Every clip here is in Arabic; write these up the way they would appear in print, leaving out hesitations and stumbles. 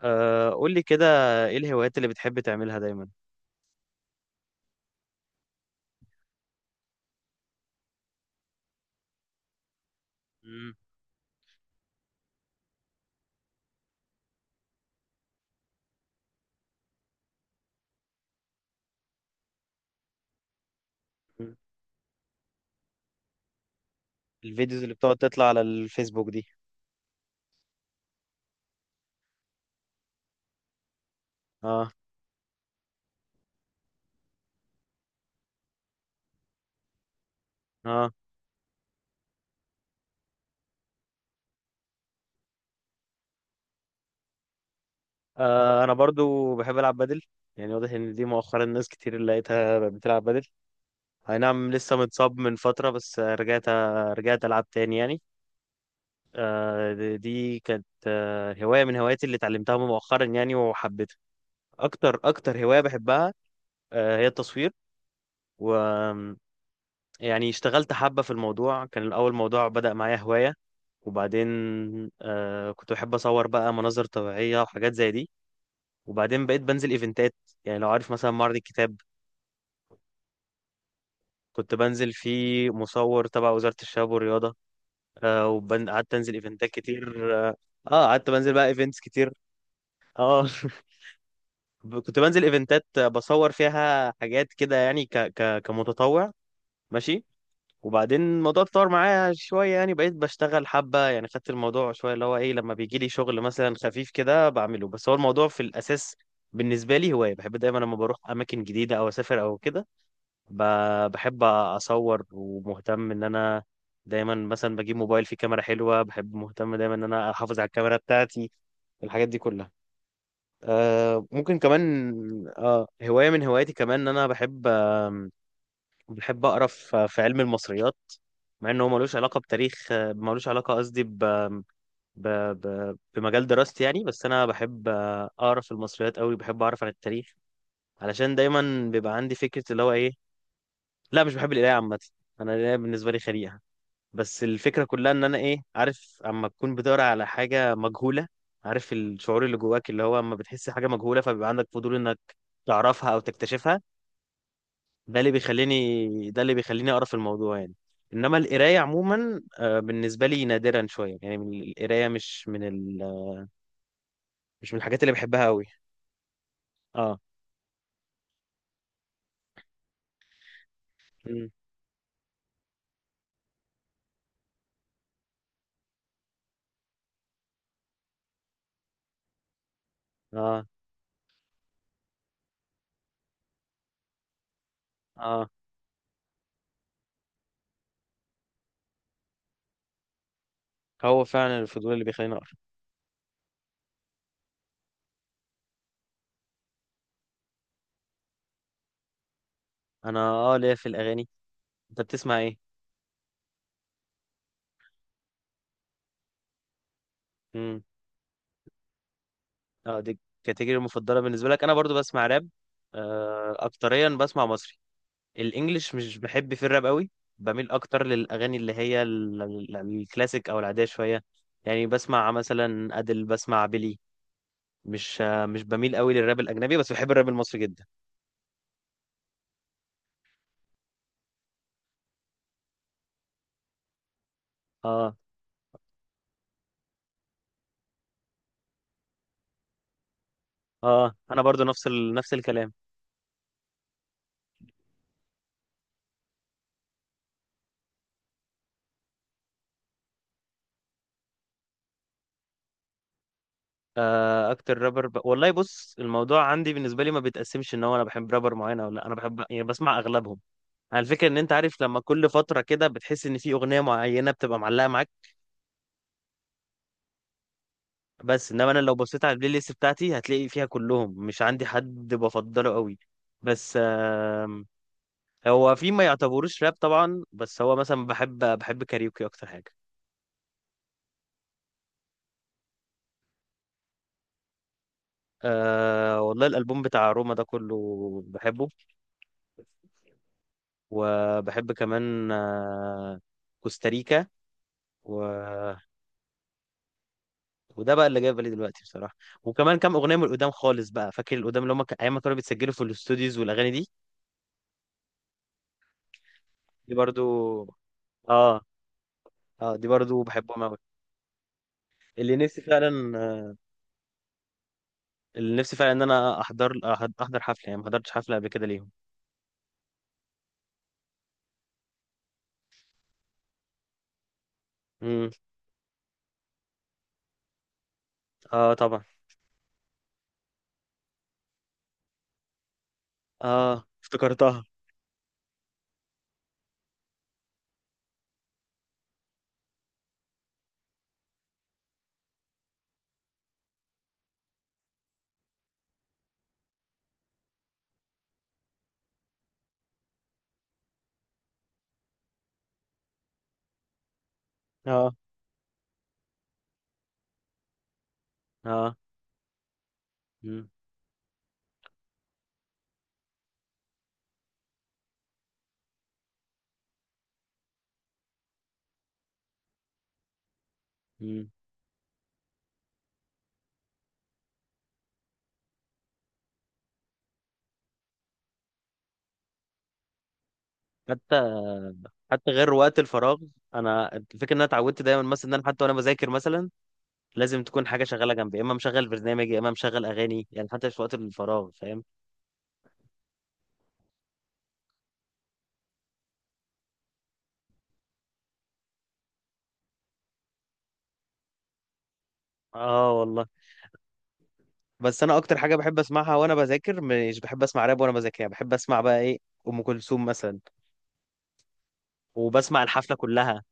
قول لي كده، ايه الهوايات اللي بتحب تعملها دايما؟ مم. الفيديوز اللي بتقعد تطلع على الفيسبوك دي؟ اه. اه، انا برضو بحب العب بدل. يعني واضح ان دي مؤخرا ناس كتير اللي لقيتها بقت بتلعب بدل. اي نعم، لسه متصاب من فترة بس رجعت. رجعت العب تاني يعني. دي كانت هواية من هواياتي اللي اتعلمتها مؤخرا يعني وحبيتها. اكتر اكتر هواية بحبها هي التصوير. و يعني اشتغلت حبة في الموضوع. كان الأول موضوع بدأ معايا هواية، وبعدين كنت بحب اصور بقى مناظر طبيعيه وحاجات زي دي، وبعدين بقيت بنزل ايفنتات. يعني لو عارف مثلا معرض الكتاب، كنت بنزل فيه مصور تبع وزاره الشباب والرياضه. وقعدت انزل ايفنتات كتير. اه. قعدت بنزل بقى ايفنتس كتير. اه. كنت بنزل ايفنتات بصور فيها حاجات كده، يعني ك ك كمتطوع. ماشي. وبعدين الموضوع اتطور معايا شوية، يعني بقيت بشتغل حبة. يعني خدت الموضوع شوية، اللي هو ايه، لما بيجي لي شغل مثلا خفيف كده بعمله. بس هو الموضوع في الأساس بالنسبة لي هواية، بحب دايما لما بروح أماكن جديدة أو أسافر أو كده بحب أصور ومهتم إن أنا دايما مثلا بجيب موبايل فيه كاميرا حلوة. بحب مهتم دايما إن أنا أحافظ على الكاميرا بتاعتي، الحاجات دي كلها. ممكن كمان هواية من هواياتي كمان إن أنا بحب بحب أقرأ في علم المصريات، مع انه هو ملوش علاقه بتاريخ، ملوش علاقه قصدي ب... بمجال دراستي يعني. بس انا بحب، اقرا في المصريات قوي. بحب اعرف عن التاريخ علشان دايما بيبقى عندي فكره اللي هو ايه. لا، مش بحب القرايه عامه. انا القرايه بالنسبه لي خريقه. بس الفكره كلها ان انا ايه، عارف اما تكون بتقرا على حاجه مجهوله. عارف الشعور اللي جواك اللي هو اما بتحس حاجه مجهوله فبيبقى عندك فضول انك تعرفها او تكتشفها. ده اللي بيخليني اقرا في الموضوع يعني. انما القرايه عموما، بالنسبه لي نادرا شويه، يعني من القرايه، مش من الحاجات اللي بحبها قوي. اه. مم. اه. اه. هو فعلا الفضول اللي بيخليني اقرا. انا، ليا في الاغاني. انت بتسمع ايه؟ امم. اه، دي الكاتيجوري المفضله بالنسبه لك. انا برضو بسمع راب. اكتريا بسمع مصري. الانجليش مش بحب في الراب قوي. بميل اكتر للاغاني اللي هي الكلاسيك او العاديه شويه. يعني بسمع مثلا ادل، بسمع بيلي. مش بميل قوي للراب الاجنبي، بس بحب الراب المصري جدا. اه. اه، انا برضو نفس الكلام. اكتر رابر، والله بص، الموضوع عندي بالنسبه لي ما بيتقسمش ان هو انا بحب رابر معين او لا. انا بحب يعني بسمع اغلبهم. على الفكره ان انت عارف لما كل فتره كده بتحس ان في اغنيه معينه بتبقى معلقه معاك. بس انما انا لو بصيت على البلاي ليست بتاعتي هتلاقي فيها كلهم. مش عندي حد بفضله قوي. بس، هو في ما يعتبروش راب طبعا، بس هو مثلا بحب كاريوكي اكتر حاجه. أه والله، الالبوم بتاع روما ده كله بحبه. وبحب كمان، كوستاريكا، و... وده بقى اللي جاي في بالي دلوقتي بصراحه. وكمان كام اغنيه من القدام خالص بقى، فاكر القدام اللي هم ايام ما كانوا بيتسجلوا في الاستوديوز والاغاني دي. دي برضو. اه. اه، دي برضو بحبهم أوي. اللي نفسي فعلا. اللي نفسي فعلا ان انا احضر حفله، يعني ما حضرتش حفله قبل كده ليهم. امم. اه طبعا. اه افتكرتها. اه. اه. مم. مم. حتى حتى غير وقت الفراغ، انا الفكره ان انا اتعودت دايما مثلا ان انا حتى وانا بذاكر مثلا لازم تكون حاجه شغاله جنبي، يا اما مشغل برنامج يا اما مشغل اغاني. يعني حتى في وقت الفراغ، فاهم؟ اه والله. بس انا اكتر حاجه بحب اسمعها وانا بذاكر، مش بحب اسمع راب وانا بذاكر. يعني بحب اسمع بقى ايه، ام كلثوم مثلا، وبسمع الحفله كلها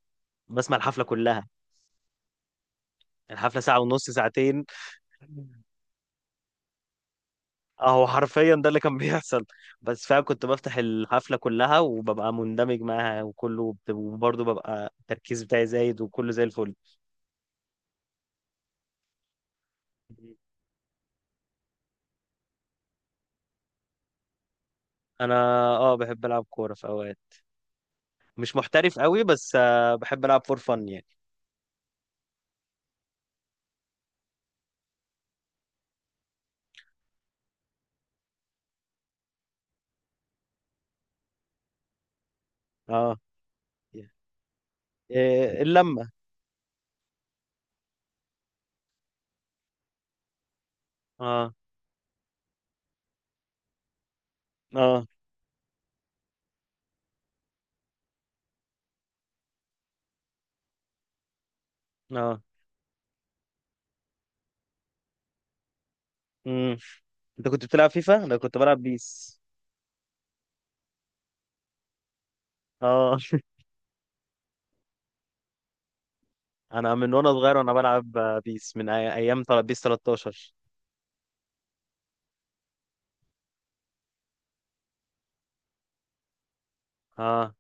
بسمع الحفلة كلها. الحفلة ساعة ونص، ساعتين. اهو حرفيا ده اللي كان بيحصل. بس فعلا كنت بفتح الحفلة كلها وببقى مندمج معاها، وكله وبرضه ببقى التركيز بتاعي زايد وكله زي الفل. انا، اه بحب العب كورة في اوقات، مش محترف قوي، بس بحب العب فور فن يعني. اه. إيه اللمة؟ اه. اه. اه. امم. انت كنت بتلعب فيفا، انا كنت بلعب بيس. اه، انا من وانا صغير وانا بلعب، بيس، من ايام بيس 13. اه.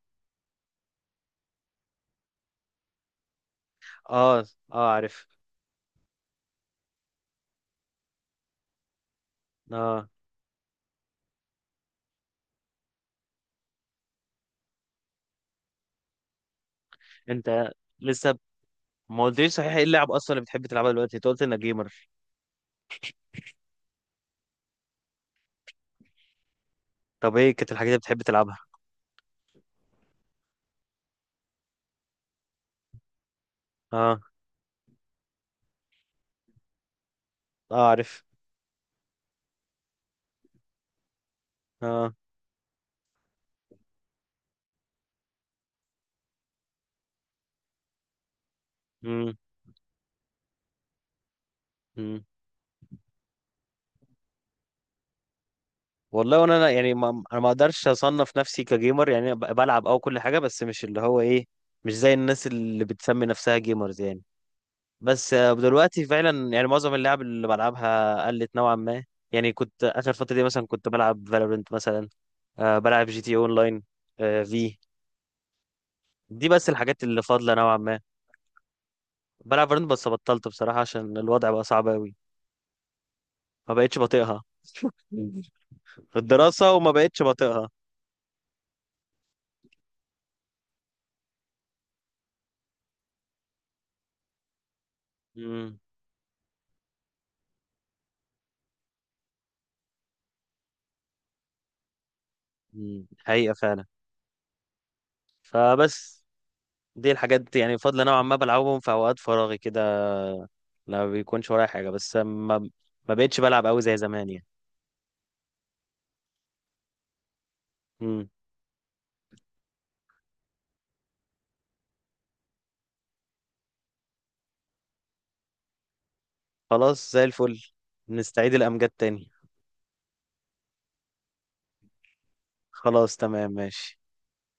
اه. اه عارف. اه. انت لسه ما قلتليش صحيح، ايه اللعب اصلا اللي بتحب تلعبها دلوقتي؟ انت قلت انك جيمر. طب ايه كانت الحاجات اللي بتحب تلعبها؟ اه. اه عارف. اه. امم. امم. والله وانا يعني، ما انا ما اقدرش اصنف نفسي كجيمر، يعني أنا بلعب او كل حاجه، بس مش اللي هو ايه، مش زي الناس اللي بتسمي نفسها جيمرز يعني. بس، دلوقتي فعلا يعني معظم اللعب اللي بلعبها قلت نوعا ما. يعني كنت اخر فتره دي مثلا كنت بلعب فالورنت مثلا. بلعب جي تي اون لاين. آه في دي بس الحاجات اللي فاضله نوعا ما. بلعب فالورنت بس بطلت بصراحه عشان الوضع بقى صعب قوي. ما بقتش بطيقها. في الدراسه، وما بقتش بطيقها. امم أمم، حقيقه فعلا. فبس، دي الحاجات يعني فاضله نوعا ما بلعبهم في اوقات فراغي كده. لا بيكونش ورايا حاجه بس ما بقتش بلعب قوي زي زمان يعني. خلاص زي الفل. نستعيد الأمجاد تاني. خلاص تمام، ماشي.